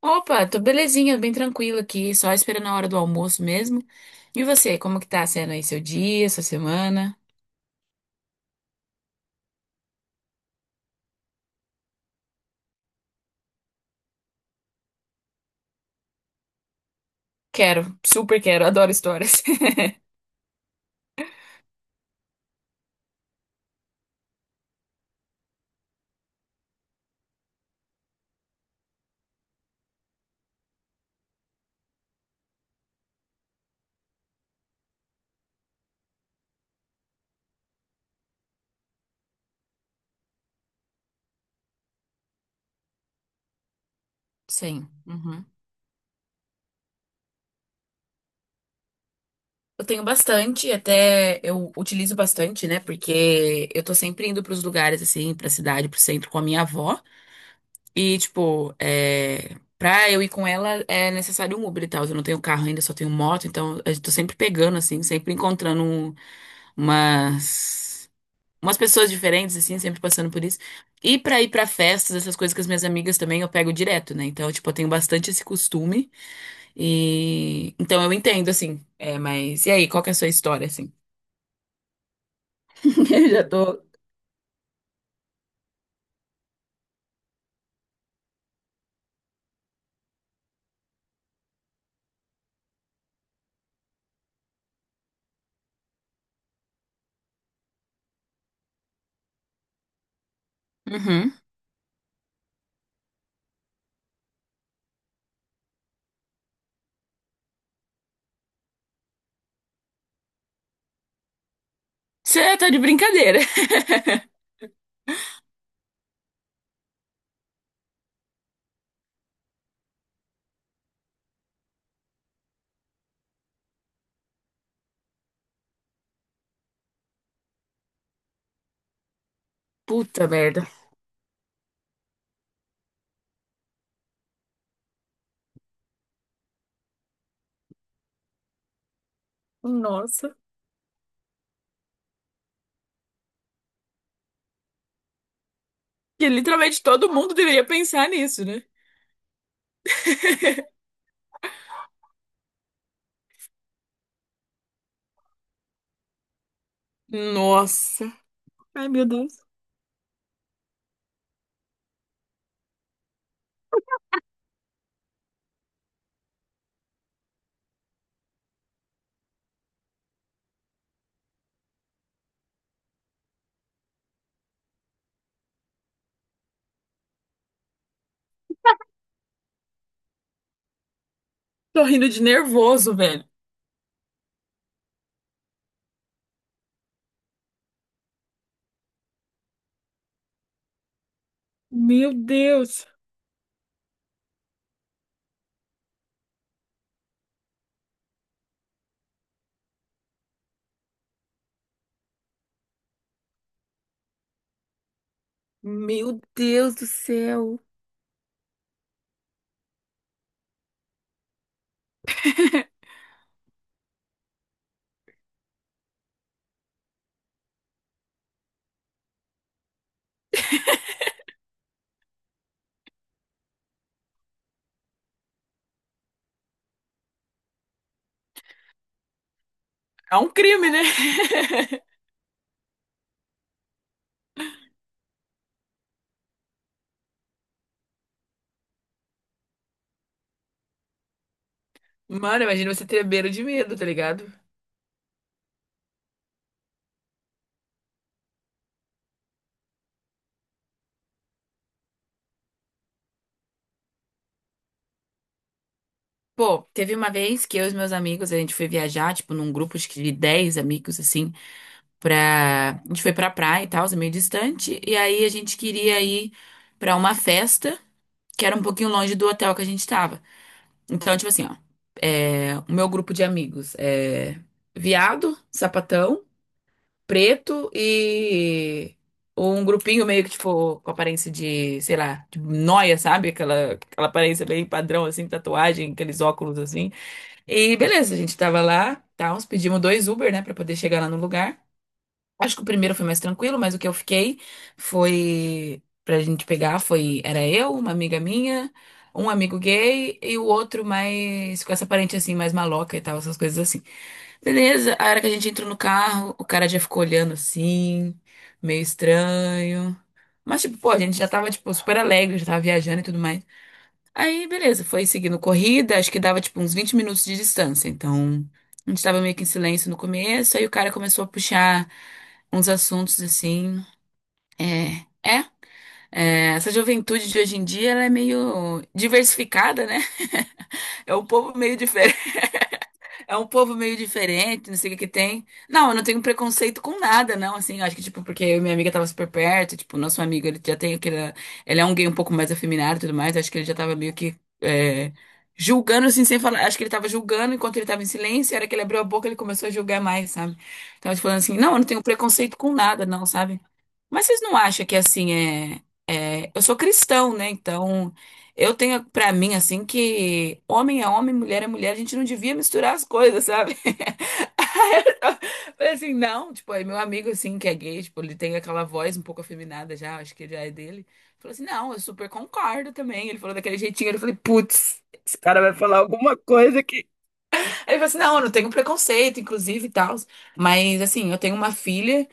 Opa, tô belezinha, bem tranquila aqui, só esperando a hora do almoço mesmo. E você, como que tá sendo aí seu dia, sua semana? Quero, super quero, adoro histórias. Sim. Uhum. Eu tenho bastante, até eu utilizo bastante, né? Porque eu tô sempre indo pros lugares, assim, pra cidade, pro centro com a minha avó. E, tipo, pra eu ir com ela é necessário um Uber e tal. Eu não tenho carro ainda, só tenho moto, então eu tô sempre pegando, assim, sempre encontrando umas. umas pessoas diferentes, assim, sempre passando por isso. E pra ir pra festas, essas coisas com as minhas amigas também eu pego direto, né? Então, tipo, eu tenho bastante esse costume. E. Então eu entendo, assim. É, mas. E aí, qual que é a sua história, assim? Eu já tô. Uhum. Você tá de brincadeira. Puta merda. Nossa. Que literalmente todo mundo deveria pensar nisso, né? Nossa. Ai, meu Deus. Tô rindo de nervoso, velho. Meu Deus. Meu Deus do céu. É um crime, né? Mano, imagina você tremer de medo, tá ligado? Pô, teve uma vez que eu e os meus amigos, a gente foi viajar, tipo, num grupo acho que de 10 amigos, assim, A gente foi pra praia e tal, é meio distante, e aí a gente queria ir pra uma festa, que era um pouquinho longe do hotel que a gente tava. Então, tipo assim, ó, o meu grupo de amigos é viado, sapatão, preto e um grupinho meio que, tipo, com aparência de, sei lá, de nóia, sabe? Aquela aparência bem padrão, assim, tatuagem, aqueles óculos, assim. E beleza, a gente tava lá, tá uns pedimos dois Uber, né, pra poder chegar lá no lugar. Acho que o primeiro foi mais tranquilo, mas o que eu fiquei foi pra gente pegar foi, era eu, uma amiga minha, um amigo gay e o outro mais, com essa aparência, assim, mais maloca e tal, essas coisas assim. Beleza, a hora que a gente entrou no carro, o cara já ficou olhando assim, meio estranho. Mas, tipo, pô, a gente já tava, tipo, super alegre, já tava viajando e tudo mais. Aí, beleza, foi seguindo corrida, acho que dava, tipo, uns 20 minutos de distância. Então, a gente tava meio que em silêncio no começo, aí o cara começou a puxar uns assuntos assim. É, é. Essa juventude de hoje em dia, ela é meio diversificada, né? É um povo meio diferente. É um povo meio diferente, não sei o que que tem. Não, eu não tenho preconceito com nada, não, assim, acho que, tipo, porque eu e minha amiga tava super perto, tipo, nosso amigo, ele já tem aquele... Ele é um gay um pouco mais afeminado e tudo mais, acho que ele já tava meio que é, julgando, assim, sem falar. Acho que ele tava julgando enquanto ele tava em silêncio, e a hora que ele abriu a boca, ele começou a julgar mais, sabe? Tava falando assim, não, eu não tenho preconceito com nada, não, sabe? Mas vocês não acham que, assim, é... Eu sou cristão, né, então... Eu tenho pra mim assim que homem é homem, mulher é mulher, a gente não devia misturar as coisas, sabe? Aí eu falei assim, não, tipo, aí meu amigo assim que é gay, tipo, ele tem aquela voz um pouco afeminada já, acho que já é dele. Falou assim: "Não, eu super concordo também". Ele falou daquele jeitinho, eu falei: "Putz". Aí ele falou assim: "Não, eu não tenho preconceito, inclusive e tal, mas assim, eu tenho uma filha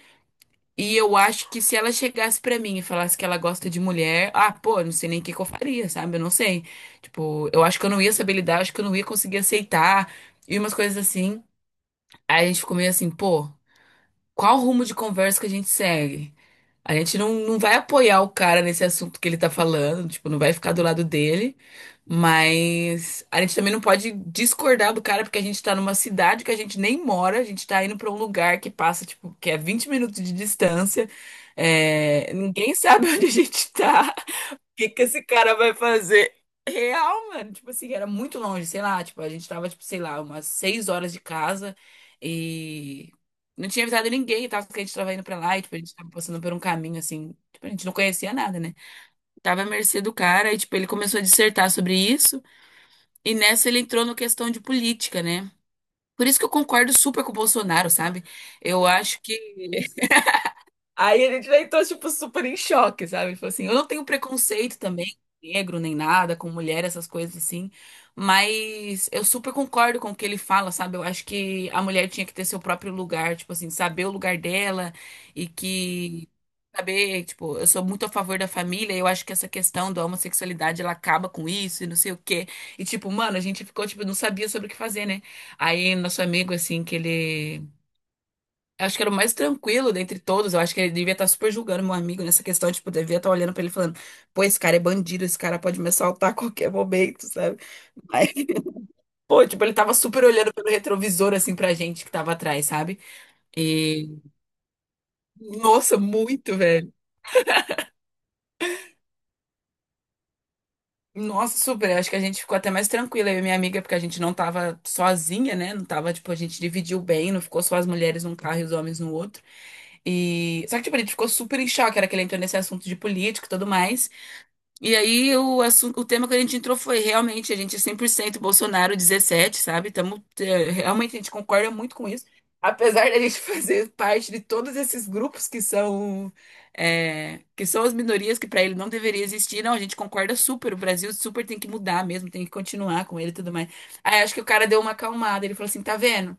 e eu acho que se ela chegasse pra mim e falasse que ela gosta de mulher, ah, pô, não sei nem o que que eu faria, sabe? Eu não sei. Tipo, eu acho que eu não ia saber lidar, acho que eu não ia conseguir aceitar e umas coisas assim. Aí a gente ficou meio assim, pô, qual o rumo de conversa que a gente segue? A gente não vai apoiar o cara nesse assunto que ele tá falando, tipo, não vai ficar do lado dele, mas a gente também não pode discordar do cara porque a gente tá numa cidade que a gente nem mora, a gente tá indo pra um lugar que passa, tipo, que é 20 minutos de distância, ninguém sabe onde a gente tá que esse cara vai fazer? Real, mano. Tipo assim, era muito longe, sei lá. Tipo, a gente tava, tipo, sei lá, umas 6 horas de casa e não tinha avisado ninguém, tava que a gente tava indo pra lá e, tipo, a gente tava passando por um caminho, assim. Tipo, a gente não conhecia nada, né? Tava à mercê do cara e, tipo, ele começou a dissertar sobre isso e nessa ele entrou na questão de política, né? Por isso que eu concordo super com o Bolsonaro, sabe? Eu acho que. Aí ele já entrou, tipo, super em choque, sabe? Tipo assim, eu não tenho preconceito também, negro nem nada, com mulher, essas coisas assim. Mas eu super concordo com o que ele fala, sabe? Eu acho que a mulher tinha que ter seu próprio lugar, tipo assim, saber o lugar dela e que. Saber, tipo, eu sou muito a favor da família, eu acho que essa questão da homossexualidade ela acaba com isso e não sei o quê. E, tipo, mano, a gente ficou, tipo, não sabia sobre o que fazer, né? Aí, nosso amigo, assim, que ele, eu acho que era o mais tranquilo dentre todos. Eu acho que ele devia estar super julgando meu amigo nessa questão. Tipo, devia estar olhando pra ele e falando: pô, esse cara é bandido, esse cara pode me assaltar a qualquer momento, sabe? Mas, pô, tipo, ele tava super olhando pelo retrovisor, assim, pra gente que tava atrás, sabe? E, nossa, muito, velho. Nossa, super. Eu acho que a gente ficou até mais tranquila, eu e minha amiga, porque a gente não tava sozinha, né? Não tava, tipo, a gente dividiu bem, não ficou só as mulheres num carro e os homens no outro. E, só que, tipo, a gente ficou super em choque, era que ele entrou nesse assunto de política e tudo mais. E aí o assunto, o tema que a gente entrou foi realmente a gente é 100% Bolsonaro 17, sabe? Tamo, realmente a gente concorda muito com isso. Apesar da gente fazer parte de todos esses grupos que que são as minorias que para ele não deveria existir, não, a gente concorda super, o Brasil super tem que mudar mesmo, tem que continuar com ele e tudo mais. Aí acho que o cara deu uma acalmada, ele falou assim, tá vendo?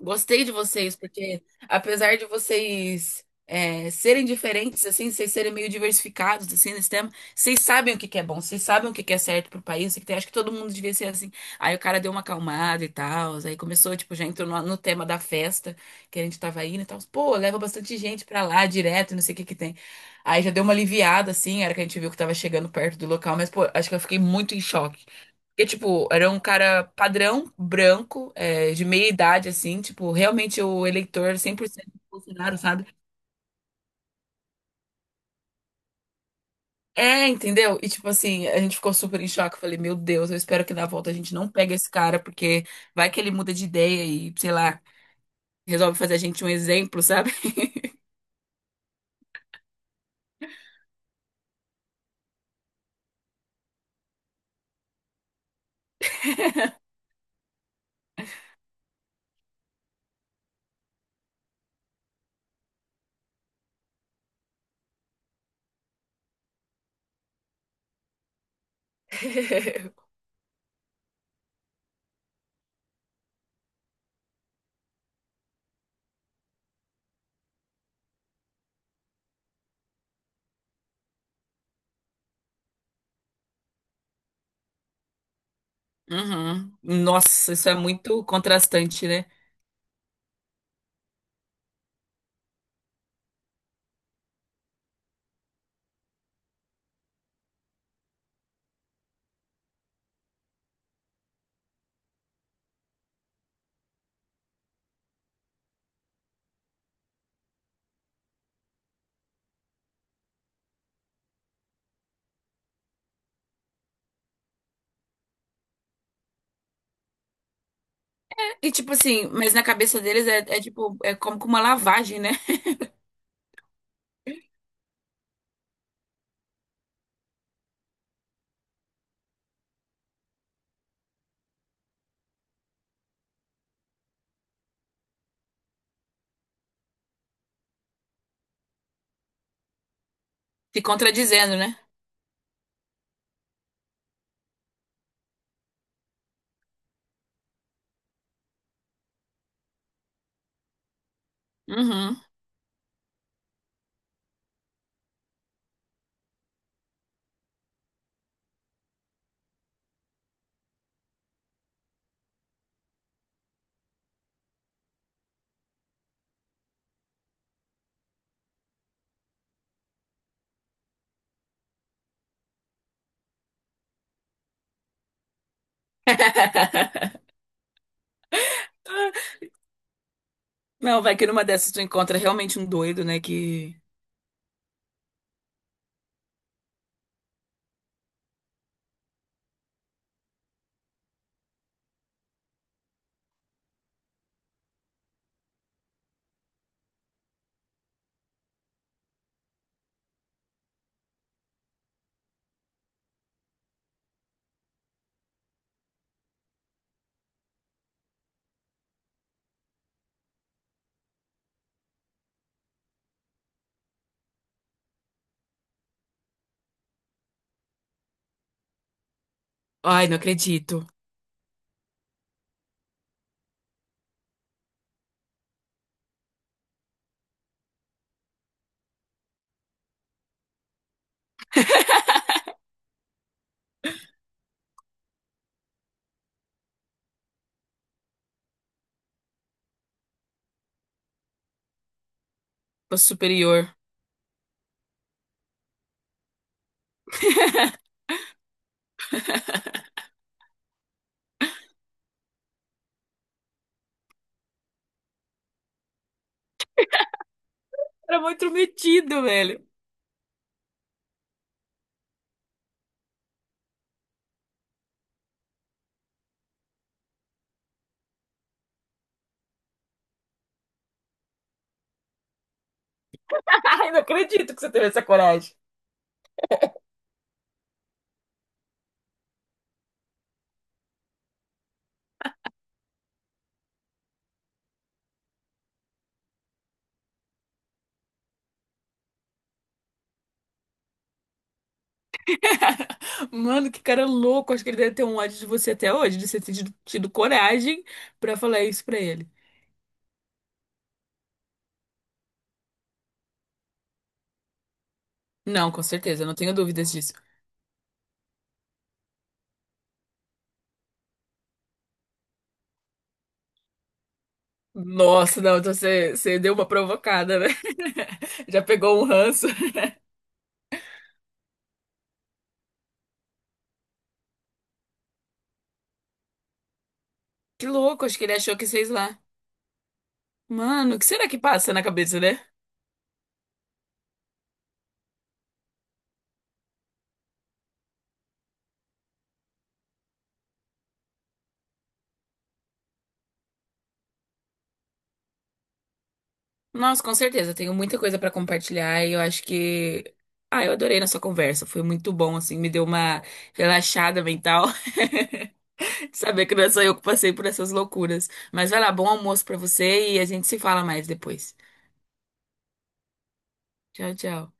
Gostei de vocês, porque apesar de vocês serem diferentes, assim, vocês serem meio diversificados, assim, nesse tema, vocês sabem o que que é bom, vocês sabem o que que é certo pro país, acho que todo mundo devia ser assim. Aí o cara deu uma acalmada e tal, aí começou, tipo, já entrou no tema da festa que a gente tava indo e tal. Pô, leva bastante gente pra lá, direto, não sei o que que tem. Aí já deu uma aliviada, assim, era que a gente viu que tava chegando perto do local, mas, pô, acho que eu fiquei muito em choque. Porque, tipo, era um cara padrão, branco, de meia idade, assim, tipo, realmente o eleitor 100% do Bolsonaro, sabe? É, entendeu? E, tipo assim, a gente ficou super em choque. Eu falei, meu Deus, eu espero que na volta a gente não pegue esse cara, porque vai que ele muda de ideia e, sei lá, resolve fazer a gente um exemplo, sabe? Uhum. Nossa, isso é muito contrastante, né? E, tipo assim, mas na cabeça deles é como com uma lavagem, né? Se contradizendo, né? Uhum. Não, vai que numa dessas tu encontra realmente um doido, né? Que. Ai, não acredito. O superior. Era muito metido, velho. Ai, não acredito que você teve essa coragem. Mano, que cara louco. Acho que ele deve ter um ódio de você até hoje, de você ter tido coragem pra falar isso pra ele. Não, com certeza, não tenho dúvidas disso. Nossa, não, então você deu uma provocada, né? Já pegou um ranço. Que louco, acho que ele achou que vocês lá. Mano, o que será que passa na cabeça, né? Nossa, com certeza, eu tenho muita coisa pra compartilhar e eu acho que. Ah, eu adorei nossa conversa, foi muito bom, assim, me deu uma relaxada mental de saber que não é só eu que passei por essas loucuras. Mas vai lá, bom almoço pra você e a gente se fala mais depois. Tchau, tchau.